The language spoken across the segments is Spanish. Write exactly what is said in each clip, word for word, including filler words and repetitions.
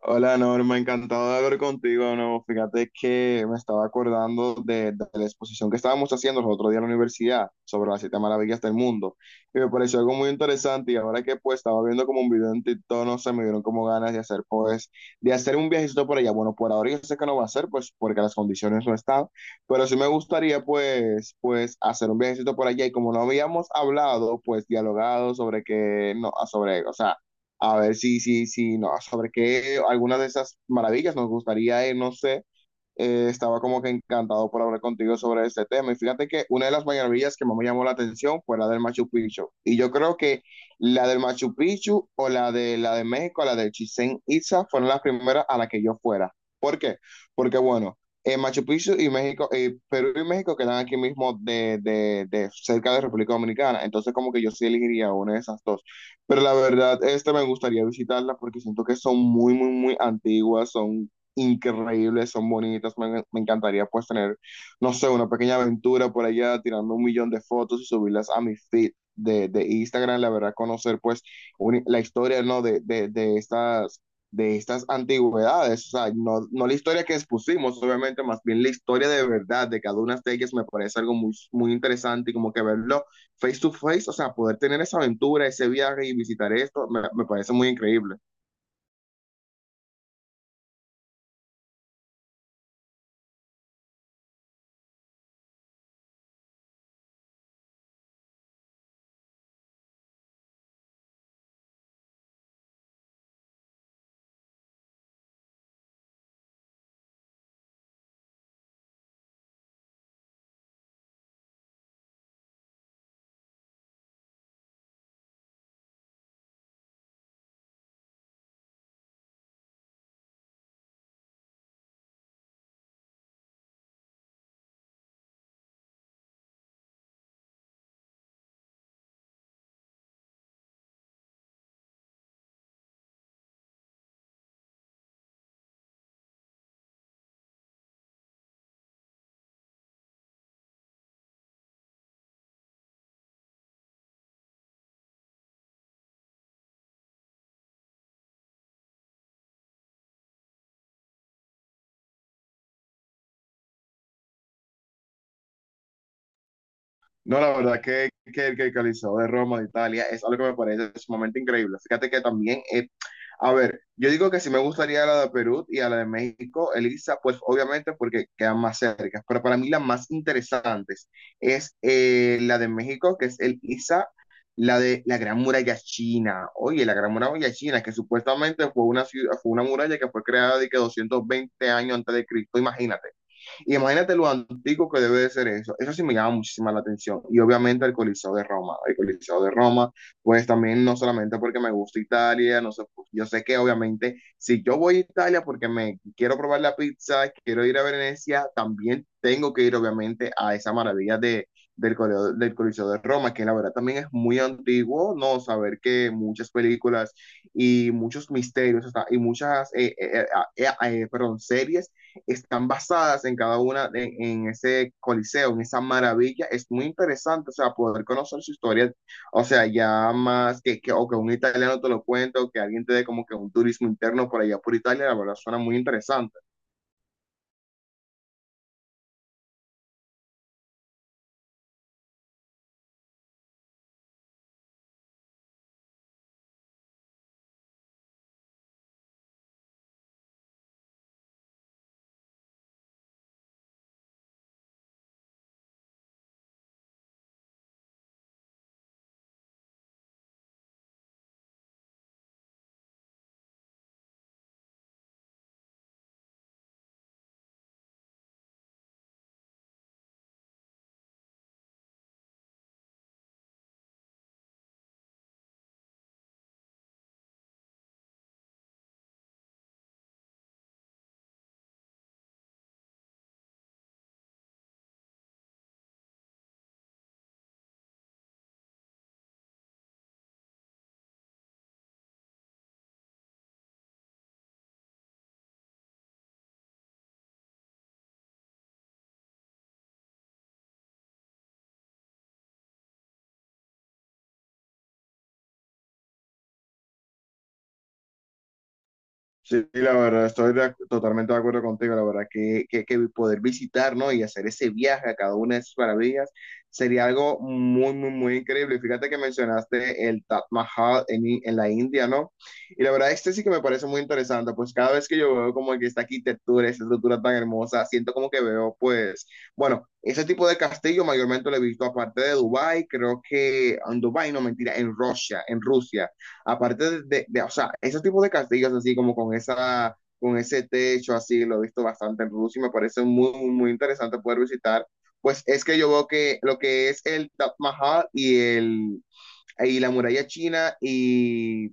Hola Norma, encantado de hablar contigo de nuevo. Fíjate que me estaba acordando de, de la exposición que estábamos haciendo el otro día en la universidad sobre las siete maravillas del mundo, y me pareció algo muy interesante. Y ahora que pues estaba viendo como un video en TikTok, no sé, me dieron como ganas de hacer pues, de hacer un viajecito por allá. Bueno, por ahora yo sé que no va a ser pues porque las condiciones no están, pero sí me gustaría pues, pues hacer un viajecito por allá. Y como no habíamos hablado pues dialogado sobre que, no, sobre, o sea, a ver si, si, si nos sobre qué algunas de esas maravillas nos gustaría, eh, no sé, eh, estaba como que encantado por hablar contigo sobre este tema. Y fíjate que una de las maravillas que más me llamó la atención fue la del Machu Picchu. Y yo creo que la del Machu Picchu, o la de la de México, la de Chichén Itzá, fueron las primeras a las que yo fuera. ¿Por qué? Porque bueno, eh, Machu Picchu y México, eh, Perú y México quedan aquí mismo de, de, de cerca de República Dominicana. Entonces como que yo sí elegiría una de esas dos. Pero la verdad, este me gustaría visitarla porque siento que son muy, muy, muy antiguas, son increíbles, son bonitas. Me, me encantaría pues tener, no sé, una pequeña aventura por allá, tirando un millón de fotos y subirlas a mi feed de, de Instagram. La verdad, conocer pues un- la historia, ¿no? De, de, de estas, de estas antigüedades. O sea, no, no la historia que expusimos, obviamente, más bien la historia de verdad de cada una de ellas me parece algo muy, muy interesante, y como que verlo face to face, o sea, poder tener esa aventura, ese viaje y visitar esto, me, me parece muy increíble. No, la verdad que, que, que el Coliseo de Roma, de Italia, es algo que me parece sumamente increíble. Fíjate que también, eh, a ver, yo digo que sí me gustaría la de Perú y a la de México, Elisa, pues obviamente porque quedan más cerca, pero para mí las más interesantes es eh, la de México, que es el ISA, la de la Gran Muralla China. Oye, la Gran Muralla China, que supuestamente fue una, ciudad, fue una muralla que fue creada de que doscientos veinte años antes de Cristo, imagínate. Y imagínate lo antiguo que debe de ser eso. Eso sí me llama muchísima la atención. Y obviamente el Coliseo de Roma. El Coliseo de Roma, pues también, no solamente porque me gusta Italia, no sé, pues, yo sé que obviamente si yo voy a Italia porque me quiero probar la pizza, quiero ir a Venecia, también tengo que ir obviamente a esa maravilla de, del, Coliseo, del Coliseo de Roma, que la verdad también es muy antiguo, ¿no? Saber que muchas películas y muchos misterios, o sea, y muchas, eh, eh, eh, eh, eh, perdón, series están basadas en cada una, en, en, ese coliseo, en esa maravilla. Es muy interesante, o sea, poder conocer su historia, o sea, ya más que, que, o que un italiano te lo cuente, o que alguien te dé como que un turismo interno por allá por Italia. La verdad suena muy interesante. Sí, sí, la verdad, estoy de ac- totalmente de acuerdo contigo. La verdad que, que, que poder visitar, ¿no? Y hacer ese viaje a cada una de esas maravillas sería algo muy, muy, muy increíble. Fíjate que mencionaste el Taj Mahal en, I- en la India, ¿no? Y la verdad, este sí que me parece muy interesante, pues cada vez que yo veo como que esta arquitectura, esta estructura tan hermosa, siento como que veo, pues, bueno, ese tipo de castillo mayormente lo he visto aparte de Dubái, creo que ah, en Dubái, no, mentira, en Rusia, en Rusia. Aparte de, de, o sea, ese tipo de castillos así como con esa, con ese techo así, lo he visto bastante en Rusia y me parece muy, muy, muy interesante poder visitar. Pues es que yo veo que lo que es el Taj Mahal y el, y la muralla china y,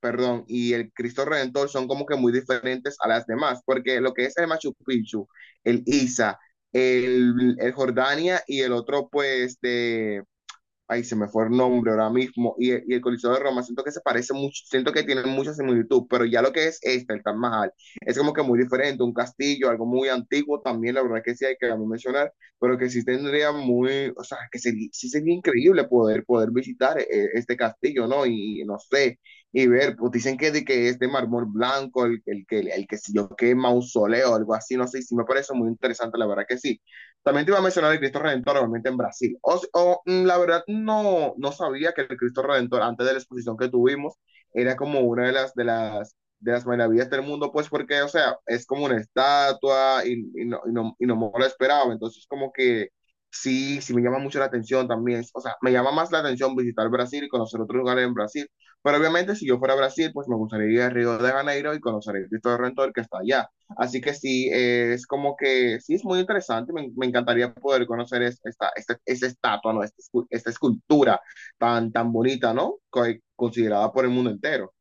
perdón, y el Cristo Redentor son como que muy diferentes a las demás, porque lo que es el Machu Picchu, el Isa, el, el Jordania y el otro pues de, ahí se me fue el nombre ahora mismo, y, y el Coliseo de Roma, siento que se parece mucho, siento que tienen mucha similitud. Pero ya lo que es este, el Taj Mahal, es como que muy diferente, un castillo, algo muy antiguo también, la verdad que sí hay que mencionar, pero que sí tendría muy, o sea, que sería, sí sería increíble poder, poder visitar eh, este castillo, ¿no? Y, no sé, y ver, pues dicen que de que es de mármol blanco, el, el, que el que si yo que mausoleo, algo así, no sé. Y sí me parece muy interesante, la verdad que sí. También te iba a mencionar el Cristo Redentor, obviamente en Brasil. O, o, mm, la verdad, no, no sabía que el Cristo Redentor, antes de la exposición que tuvimos, era como una de las, de las, de las, maravillas del mundo, pues porque, o sea, es como una estatua y, y no, y, no, y no me lo esperaba. Entonces, como que sí, sí me llama mucho la atención también. O sea, me llama más la atención visitar Brasil y conocer otros lugares en Brasil. Pero obviamente, si yo fuera a Brasil, pues me gustaría ir a Río de Janeiro y conocer el Cristo Redentor que está allá. Así que sí, eh, es como que sí, es muy interesante. Me, me encantaría poder conocer es- esta, esta, esta estatua, ¿no? Esta, escu- esta escultura tan, tan bonita, ¿no? Co- Considerada por el mundo entero.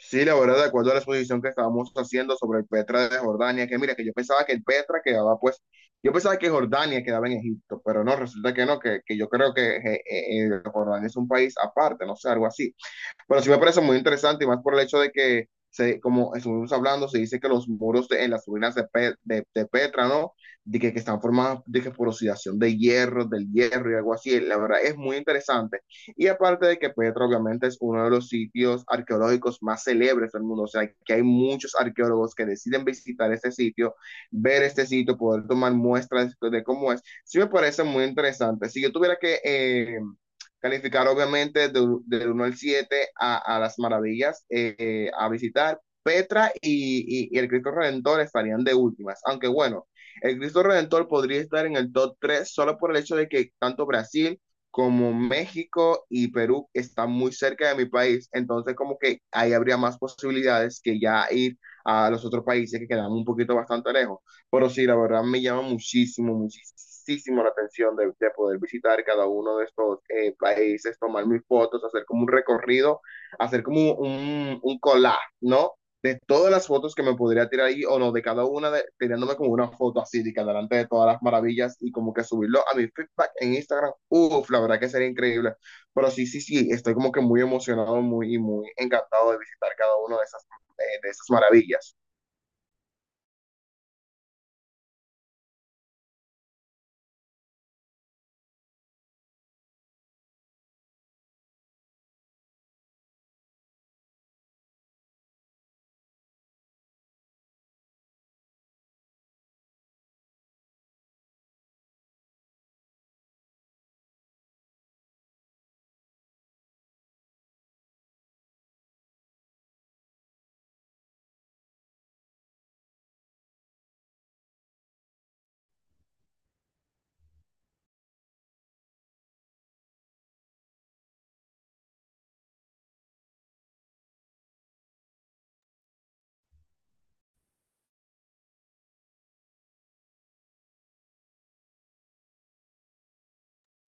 Sí, la verdad, de acuerdo a la exposición que estábamos haciendo sobre el Petra de Jordania, que mira, que yo pensaba que el Petra quedaba, pues, yo pensaba que Jordania quedaba en Egipto, pero no, resulta que no, que, que yo creo que eh, eh, eh, Jordania es un país aparte, no sé, algo así. Bueno, sí me parece muy interesante, y más por el hecho de que, se, como estuvimos hablando, se dice que los muros de- en las ruinas de, Pe- de, de Petra, ¿no? De que, que están formados de que por oxidación de hierro, del hierro y algo así. La verdad es muy interesante. Y aparte de que Petra obviamente es uno de los sitios arqueológicos más célebres del mundo, o sea, que hay muchos arqueólogos que deciden visitar este sitio, ver este sitio, poder tomar muestras de cómo es. Sí me parece muy interesante. Si yo tuviera que eh, calificar obviamente de- del uno al siete a, a las maravillas eh, eh, a visitar. Petra y, y- y el Cristo Redentor estarían de últimas, aunque bueno, el Cristo Redentor podría estar en el top tres, solo por el hecho de que tanto Brasil como México y Perú están muy cerca de mi país, entonces como que ahí habría más posibilidades que ya ir a los otros países que quedan un poquito bastante lejos. Pero sí, la verdad, me llama muchísimo, muchísimo la atención de, de poder visitar cada uno de estos eh, países, tomar mis fotos, hacer como un recorrido, hacer como un, un collage, ¿no? De todas las fotos que me podría tirar ahí o no, de cada una, de, tirándome como una foto así, de que delante de todas las maravillas y como que subirlo a mi feedback en Instagram. Uf, la verdad que sería increíble. Pero sí, sí, sí, estoy como que muy emocionado, muy, y muy encantado de visitar cada una de esas, eh, de esas maravillas.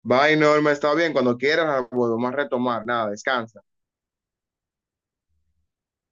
Bye, Norma, está bien. Cuando quieras, ah, volvemos a retomar. Nada, descansa.